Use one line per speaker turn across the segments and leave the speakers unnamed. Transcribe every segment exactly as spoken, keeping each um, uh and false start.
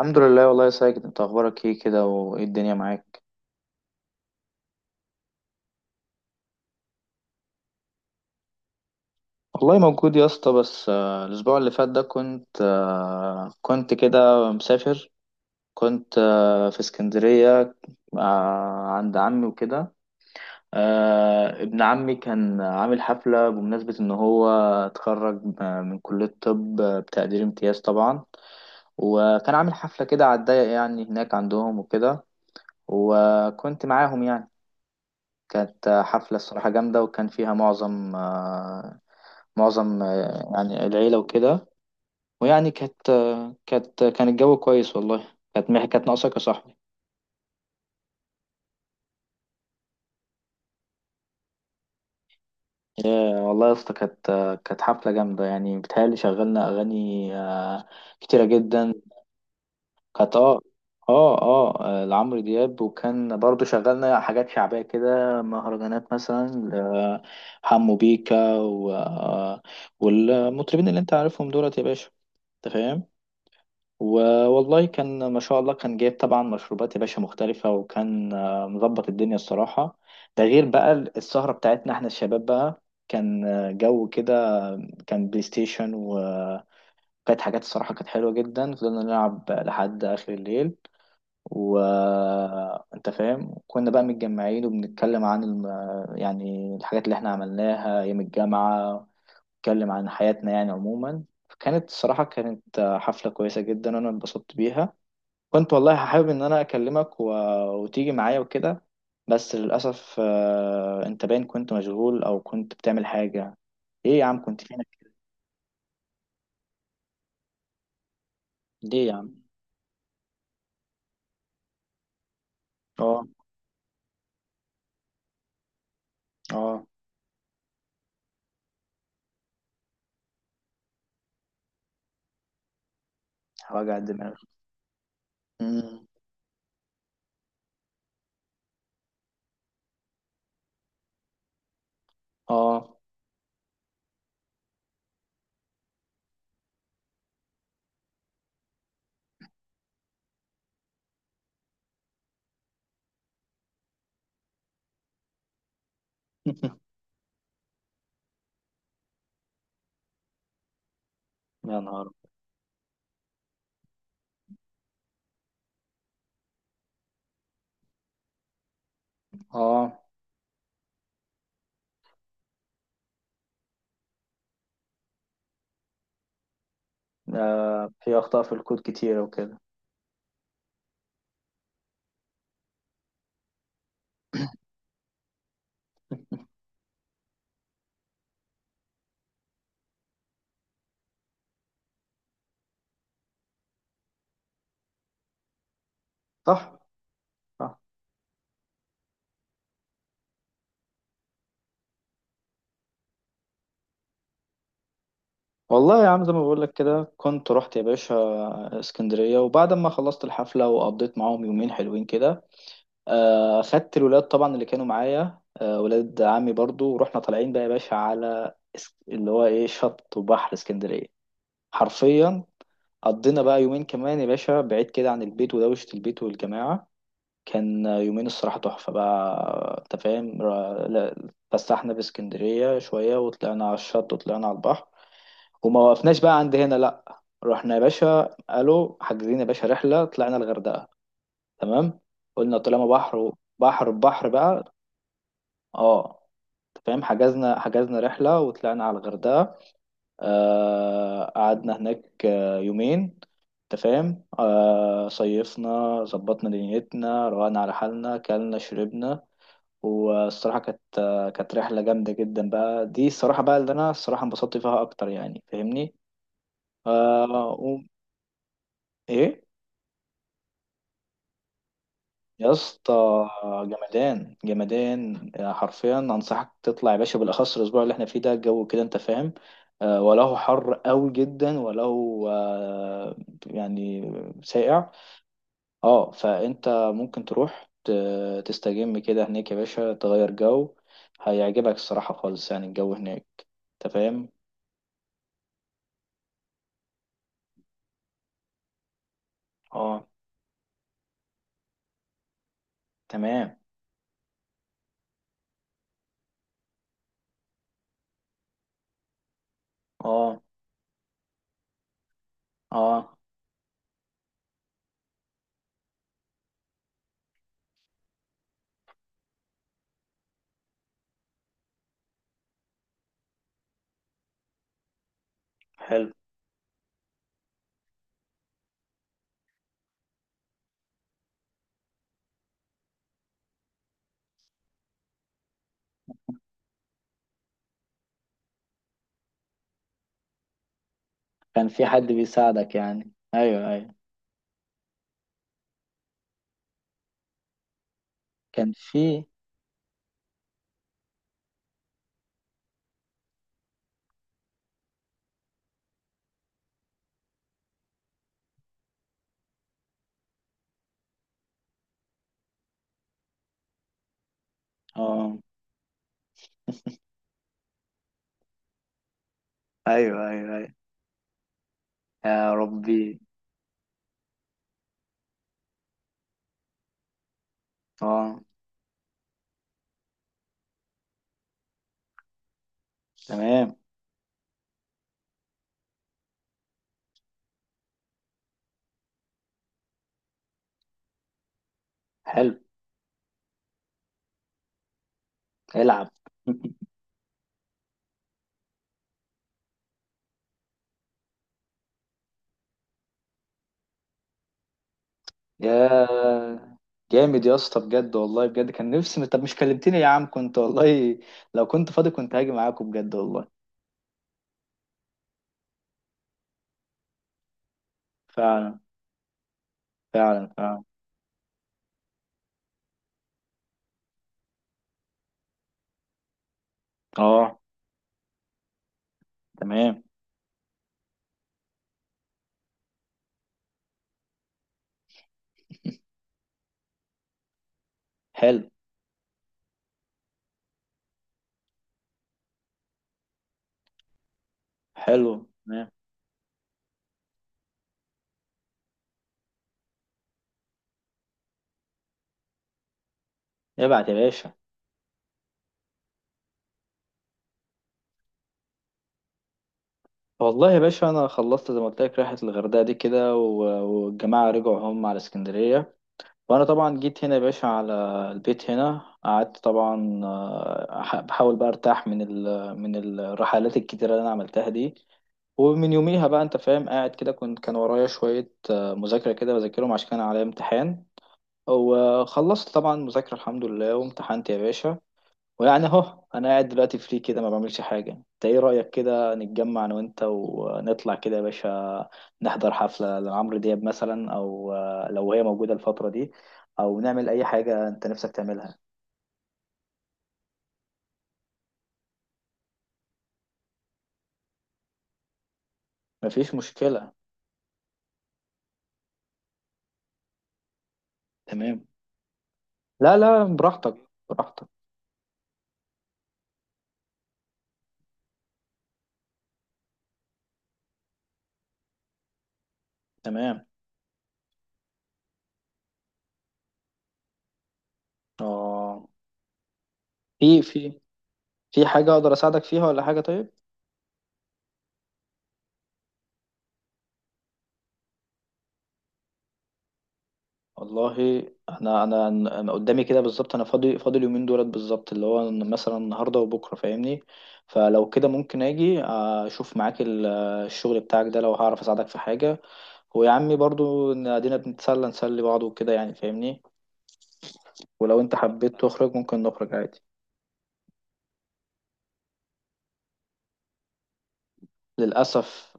الحمد لله والله يا ساجد، انت اخبارك ايه كده وايه الدنيا معاك؟ والله موجود يا اسطى. بس آه، الاسبوع اللي فات ده كنت آه، كنت كده مسافر. كنت آه، في اسكندرية، آه، عند عمي وكده. آه، ابن عمي كان عامل حفلة بمناسبة ان هو اتخرج آه، من كلية طب آه، بتقدير امتياز طبعا. وكان عامل حفلة كده على الضيق يعني هناك عندهم وكده، وكنت معاهم يعني. كانت حفلة الصراحة جامدة، وكان فيها معظم آه، معظم آه، يعني العيلة وكده. ويعني كانت آه، كانت كان الجو كويس والله. كانت مح- كانت ناقصاك يا صاحبي. يا والله يا اسطى كانت آه، كانت حفلة جامدة يعني. بتهيألي شغلنا أغاني آه، كتيرة جدا. كانت اه اه اه آه، لعمرو دياب، وكان برضو شغلنا حاجات شعبية كده، مهرجانات مثلا ل- حمو بيكا و... آه، والمطربين اللي انت عارفهم دولت يا باشا. انت فاهم. والله كان ما شاء الله، كان جايب طبعا مشروبات يا باشا مختلفة، وكان آه، مظبط الدنيا الصراحة. ده غير بقى السهرة بتاعتنا احنا الشباب بقى. كان آه، جو كده. كان بلاي ستيشن، وكانت حاجات الصراحة كانت حلوة جدا. فضلنا نلعب لحد آخر الليل، وانت فاهم. كنا بقى متجمعين وبنتكلم عن الم... يعني الحاجات اللي احنا عملناها أيام الجامعة، نتكلم عن حياتنا يعني عموما. كانت الصراحة كانت آه، حفلة كويسة جدا، وأنا اتبسطت بيها. كنت والله حابب ان انا اكلمك و... وتيجي معايا وكده. بس للاسف آه، انت باين كنت مشغول او كنت بتعمل حاجه. ايه يا عم، كنت فينك؟ ليه يا عم؟ اه. اه. وجع الدماغ. مم. اه. يا نهار. اه، آه، في اخطاء في الكود كتيره وكده. صح، صح. والله يا عم، زي ما بقول لك كده، كنت رحت يا باشا اسكندريه. وبعد ما خلصت الحفله وقضيت معاهم يومين حلوين كده، آه، خدت الولاد طبعا اللي كانوا معايا، آه، ولاد عمي برضو، ورحنا طالعين بقى يا باشا على اس- اللي هو ايه شط وبحر اسكندرية حرفيا. قضينا بقى يومين كمان يا باشا بعيد كده عن البيت ودوشة البيت والجماعة. كان يومين الصراحة تحفة بقى، انت فاهم. را- لا، اتفسحنا في اسكندرية شوية وطلعنا على الشط وطلعنا على البحر، وما وقفناش بقى عند هنا. لا، رحنا يا باشا، قالوا حاجزين يا باشا رحلة، طلعنا الغردقة. تمام. قلنا طالما بحر، بحر بحر بقى. اه، انت فاهم. حجزنا حجزنا رحلة وطلعنا على الغردقة. آه، قعدنا هناك آه يومين، انت فاهم. آه، صيفنا، ظبطنا دنيتنا، روقنا على حالنا، كلنا شربنا. والصراحة كانت آه، كانت رحلة جامدة جدا بقى دي الصراحة، بقى اللي أنا الصراحة انبسطت فيها أكتر يعني، فاهمني. آه و... إيه؟ يا اسطى جمدان جمدان، آه، حرفيا انصحك تطلع يا باشا، بالاخص الاسبوع اللي احنا فيه ده الجو كده، انت فاهم. آه، وله حر قوي جدا، وله آه، يعني ساقع. اه، فانت ممكن تروح ت- تستجم كده هناك يا باشا، تغير جو، هيعجبك الصراحة خالص يعني الجو هناك، انت فاهم. اه، تمام. اه، اه، حلو. كان في حد بيساعدك يعني، ايوه، ايوه. كان في. اه، ايوه، ايوه. يا ربي. اه، تمام. حلو. العب. يا جامد يا اسطى، بجد والله بجد كان نفسي. طب مش كلمتني يا عم؟ كنت والله لو كنت فاضي كنت هاجي معاكم بجد والله. فعلا، فعلا، فعلا. اه، تمام. حلو، حلو، تمام. ابعت يا باشا. والله يا باشا انا خلصت زي ما قلت لك، رحله الغردقه دي كده و- والجماعه رجعوا هم على اسكندريه، وانا طبعا جيت هنا يا باشا على البيت هنا. قعدت طبعا، آه، أح- بحاول بقى ارتاح من ال من الرحلات الكتيره اللي انا عملتها دي. ومن يوميها بقى انت فاهم قاعد كده، كنت كان ورايا شويه آه، مذاكره كده، بذاكرهم عشان كان عليا امتحان. وخلصت طبعا مذاكره الحمد لله، وامتحنت يا باشا. ويعني اهو انا قاعد دلوقتي فري كده، ما بعملش حاجه. انت ايه رايك كده نتجمع انا وانت ونطلع كده يا باشا، نحضر حفله لعمرو دياب مثلا، او آه، لو هي موجوده الفتره دي، او نعمل اي حاجه انت نفسك تعملها. مفيش مشكله. تمام. لا، لا، براحتك، براحتك. تمام. اه، في، في في حاجه اقدر اساعدك فيها ولا حاجه؟ طيب. والله انا، انا انا قدامي كده بالظبط، انا فاضي فاضي اليومين دولت بالظبط، اللي هو مثلا النهارده وبكره، فاهمني. فلو كده ممكن اجي اشوف معاك ال- الشغل بتاعك ده، لو هعرف اساعدك في حاجه. ويا عمي برضو إن ادينا بنتسلى نسلي بعض وكده يعني فاهمني. ولو انت حبيت تخرج ممكن نخرج عادي. للاسف.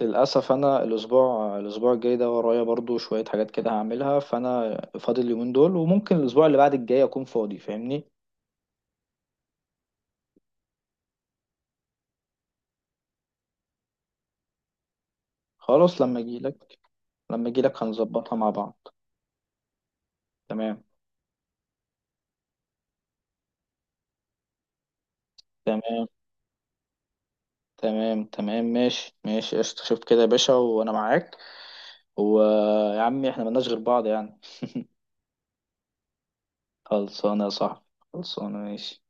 للاسف انا الاسبوع الاسبوع الجاي ده ورايا برضو شويه حاجات كده هعملها. فانا فاضي اليومين دول، وممكن الاسبوع اللي بعد الجاي اكون فاضي فاهمني. خلاص لما اجي، لما اجيلك هنظبطها مع بعض. تمام. تمام. تمام. تمام، ماشي، ماشي قشطة. شوف كده يا باشا وانا معاك. ويا عمي احنا ملناش غير بعض يعني. خلصانة يا صاحبي. خلصانة. ماشي.